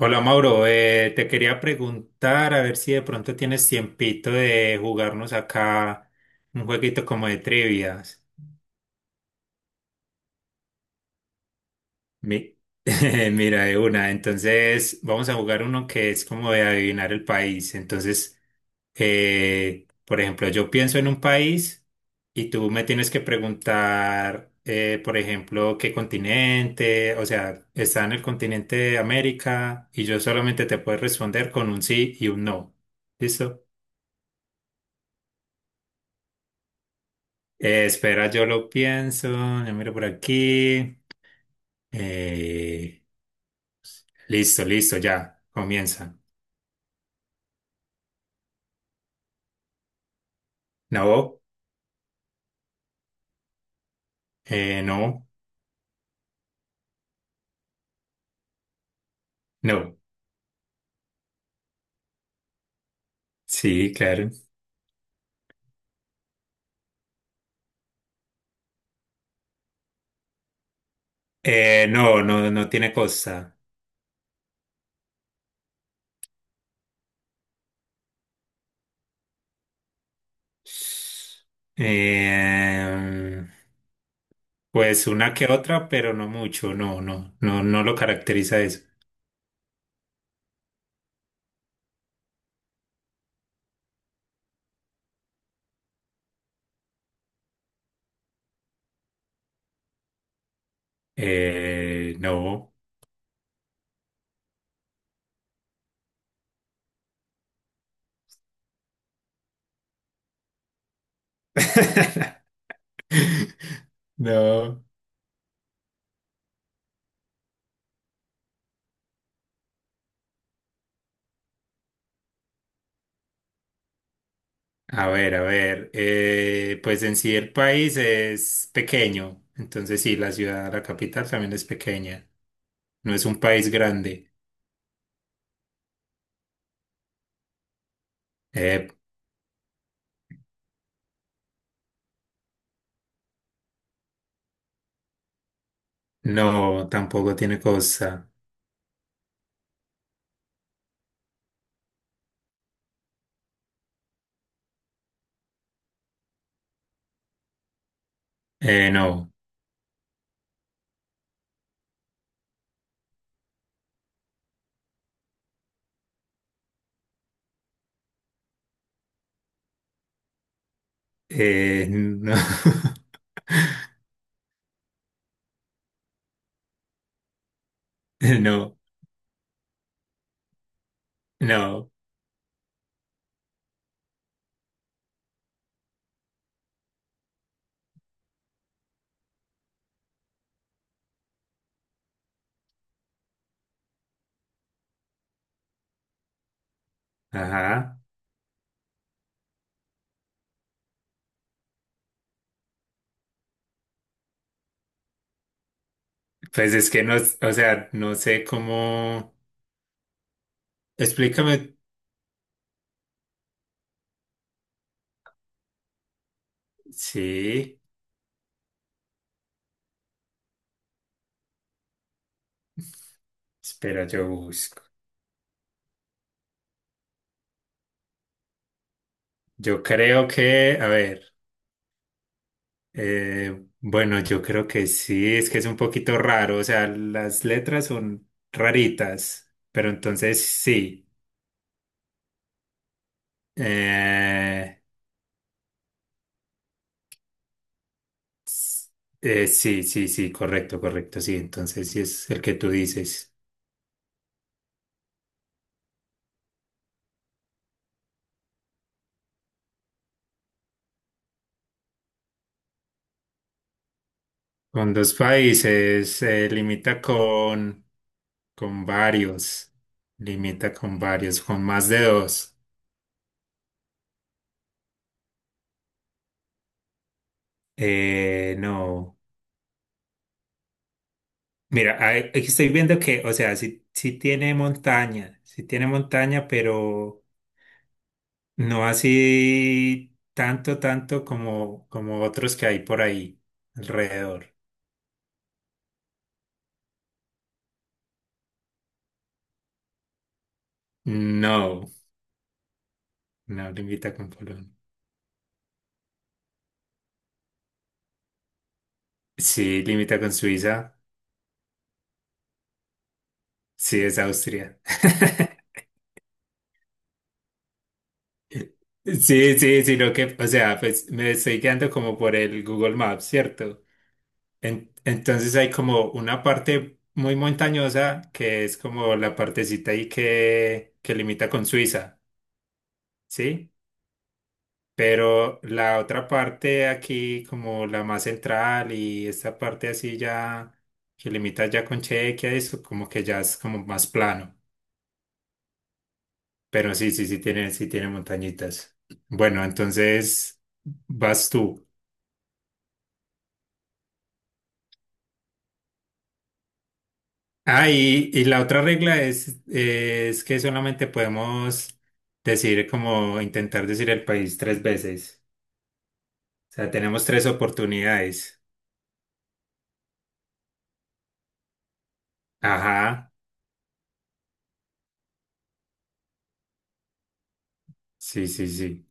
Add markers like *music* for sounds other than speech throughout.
Hola Mauro, te quería preguntar a ver si de pronto tienes tiempito de jugarnos acá un jueguito como de trivias. Mi- *laughs* Mira, de una. Entonces, vamos a jugar uno que es como de adivinar el país. Entonces, por ejemplo, yo pienso en un país y tú me tienes que preguntar, por ejemplo, qué continente, o sea, está en el continente de América y yo solamente te puedo responder con un sí y un no. ¿Listo? Espera, yo lo pienso, yo miro por aquí. Eh, listo, listo, ya, comienza. No, no, no. Sí, claro. No, no, no tiene costa. Eh, pues una que otra, pero no mucho, no, no, no, no lo caracteriza eso. No. *laughs* No. A ver, pues en sí el país es pequeño, entonces sí, la ciudad, la capital también es pequeña, no es un país grande. Eh, no, tampoco tiene costa. No. No, *laughs* no, no. Ajá, pues es que no, o sea, no sé cómo, explícame. Sí, espera, yo busco, yo creo que, a ver. Bueno, yo creo que sí, es que es un poquito raro, o sea, las letras son raritas, pero entonces sí. Eh, s- sí, sí, sí, correcto, correcto, sí, entonces sí es el que tú dices. Con dos países, se limita con varios, limita con varios, con más de dos. No. Mira, aquí estoy viendo que, o sea, sí, sí tiene montaña, pero no así tanto, tanto como, como otros que hay por ahí alrededor. No, no limita con Polonia. Sí, limita con Suiza, sí es Austria. *laughs* Sí, sí, sino que, o sea, pues me estoy guiando como por el Google Maps, ¿cierto? Entonces hay como una parte muy montañosa que es como la partecita ahí que limita con Suiza, ¿sí? Pero la otra parte aquí, como la más central y esta parte así ya que limita ya con Chequia, eso como que ya es como más plano. Pero sí, sí, sí tiene montañitas. Bueno, entonces vas tú. Ah, y la otra regla es que solamente podemos decir como intentar decir el país tres veces. O sea, tenemos tres oportunidades. Ajá, sí, sí, sí.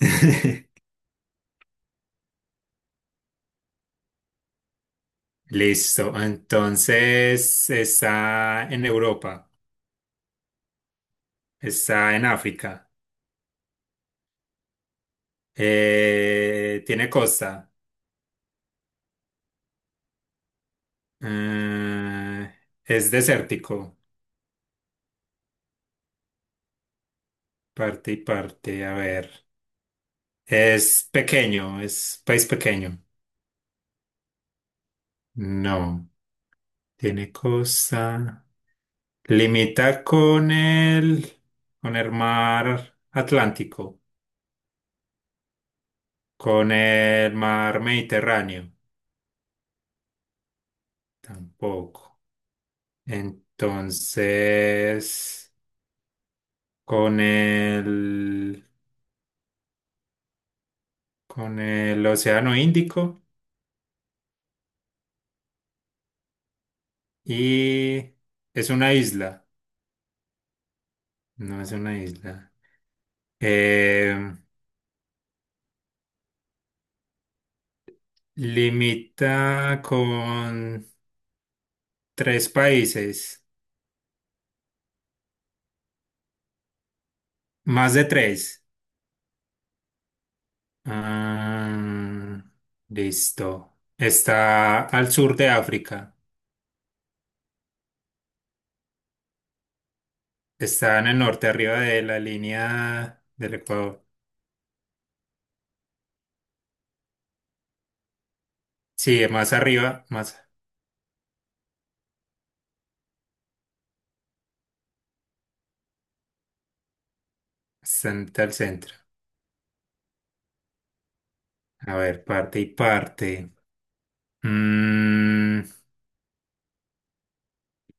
*laughs* Listo. Entonces, está en Europa, está en África, tiene costa, mm, es desértico, parte y parte. A ver, es pequeño, es país pequeño. No. Tiene costa. Limita con el mar Atlántico, con el mar Mediterráneo, tampoco. Entonces, con el, con el Océano Índico y es una isla, no es una isla. Eh, limita con tres países, más de tres. Ah, listo. Está al sur de África. Está en el norte, arriba de la línea del Ecuador. Sí, más arriba, más hasta al centro. A ver, parte y parte. Mm,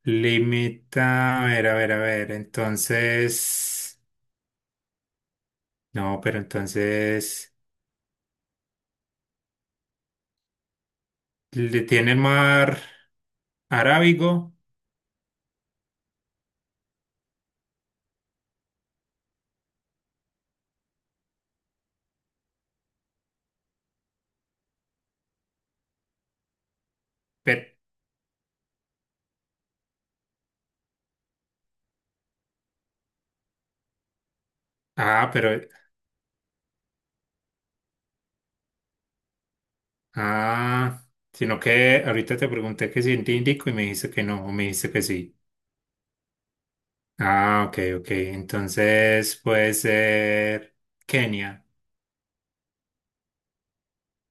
limita, a ver, a ver, a ver. Entonces, no, pero entonces le tiene el mar Arábigo. Pero, ah, pero ah, sino que ahorita te pregunté que si en Índico y me dijiste que no, o me dijiste que sí. Ah, ok, ok. Entonces puede ser Kenia.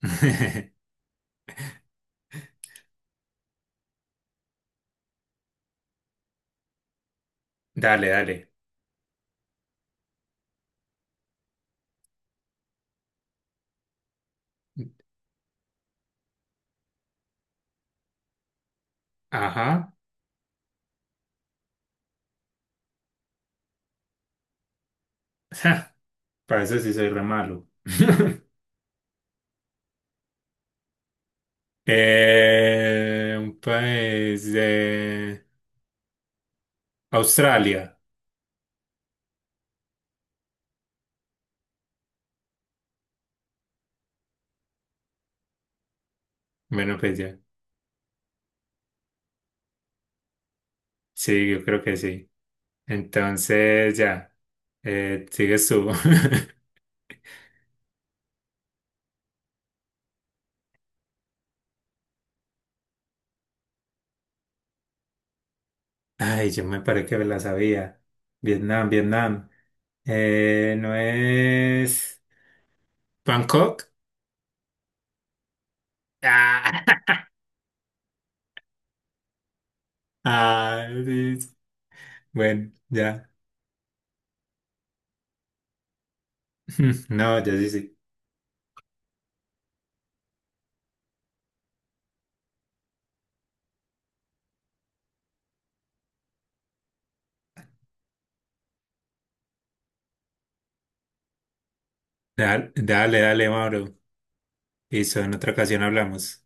*laughs* Dale, dale. Ajá. *laughs* Ja, para eso sí soy re malo. *laughs* Un país de Australia. Bueno, pues ya. Sí, yo creo que sí. Entonces, ya. Sigues tú. *laughs* Ay, yo me parece que me la sabía. Vietnam, Vietnam. ¿No es Bangkok? Ah, *laughs* ah, sí, sí. Bueno, ya. *laughs* No, ya sí, sí. Dale, dale, dale, Mauro. Listo, en otra ocasión hablamos.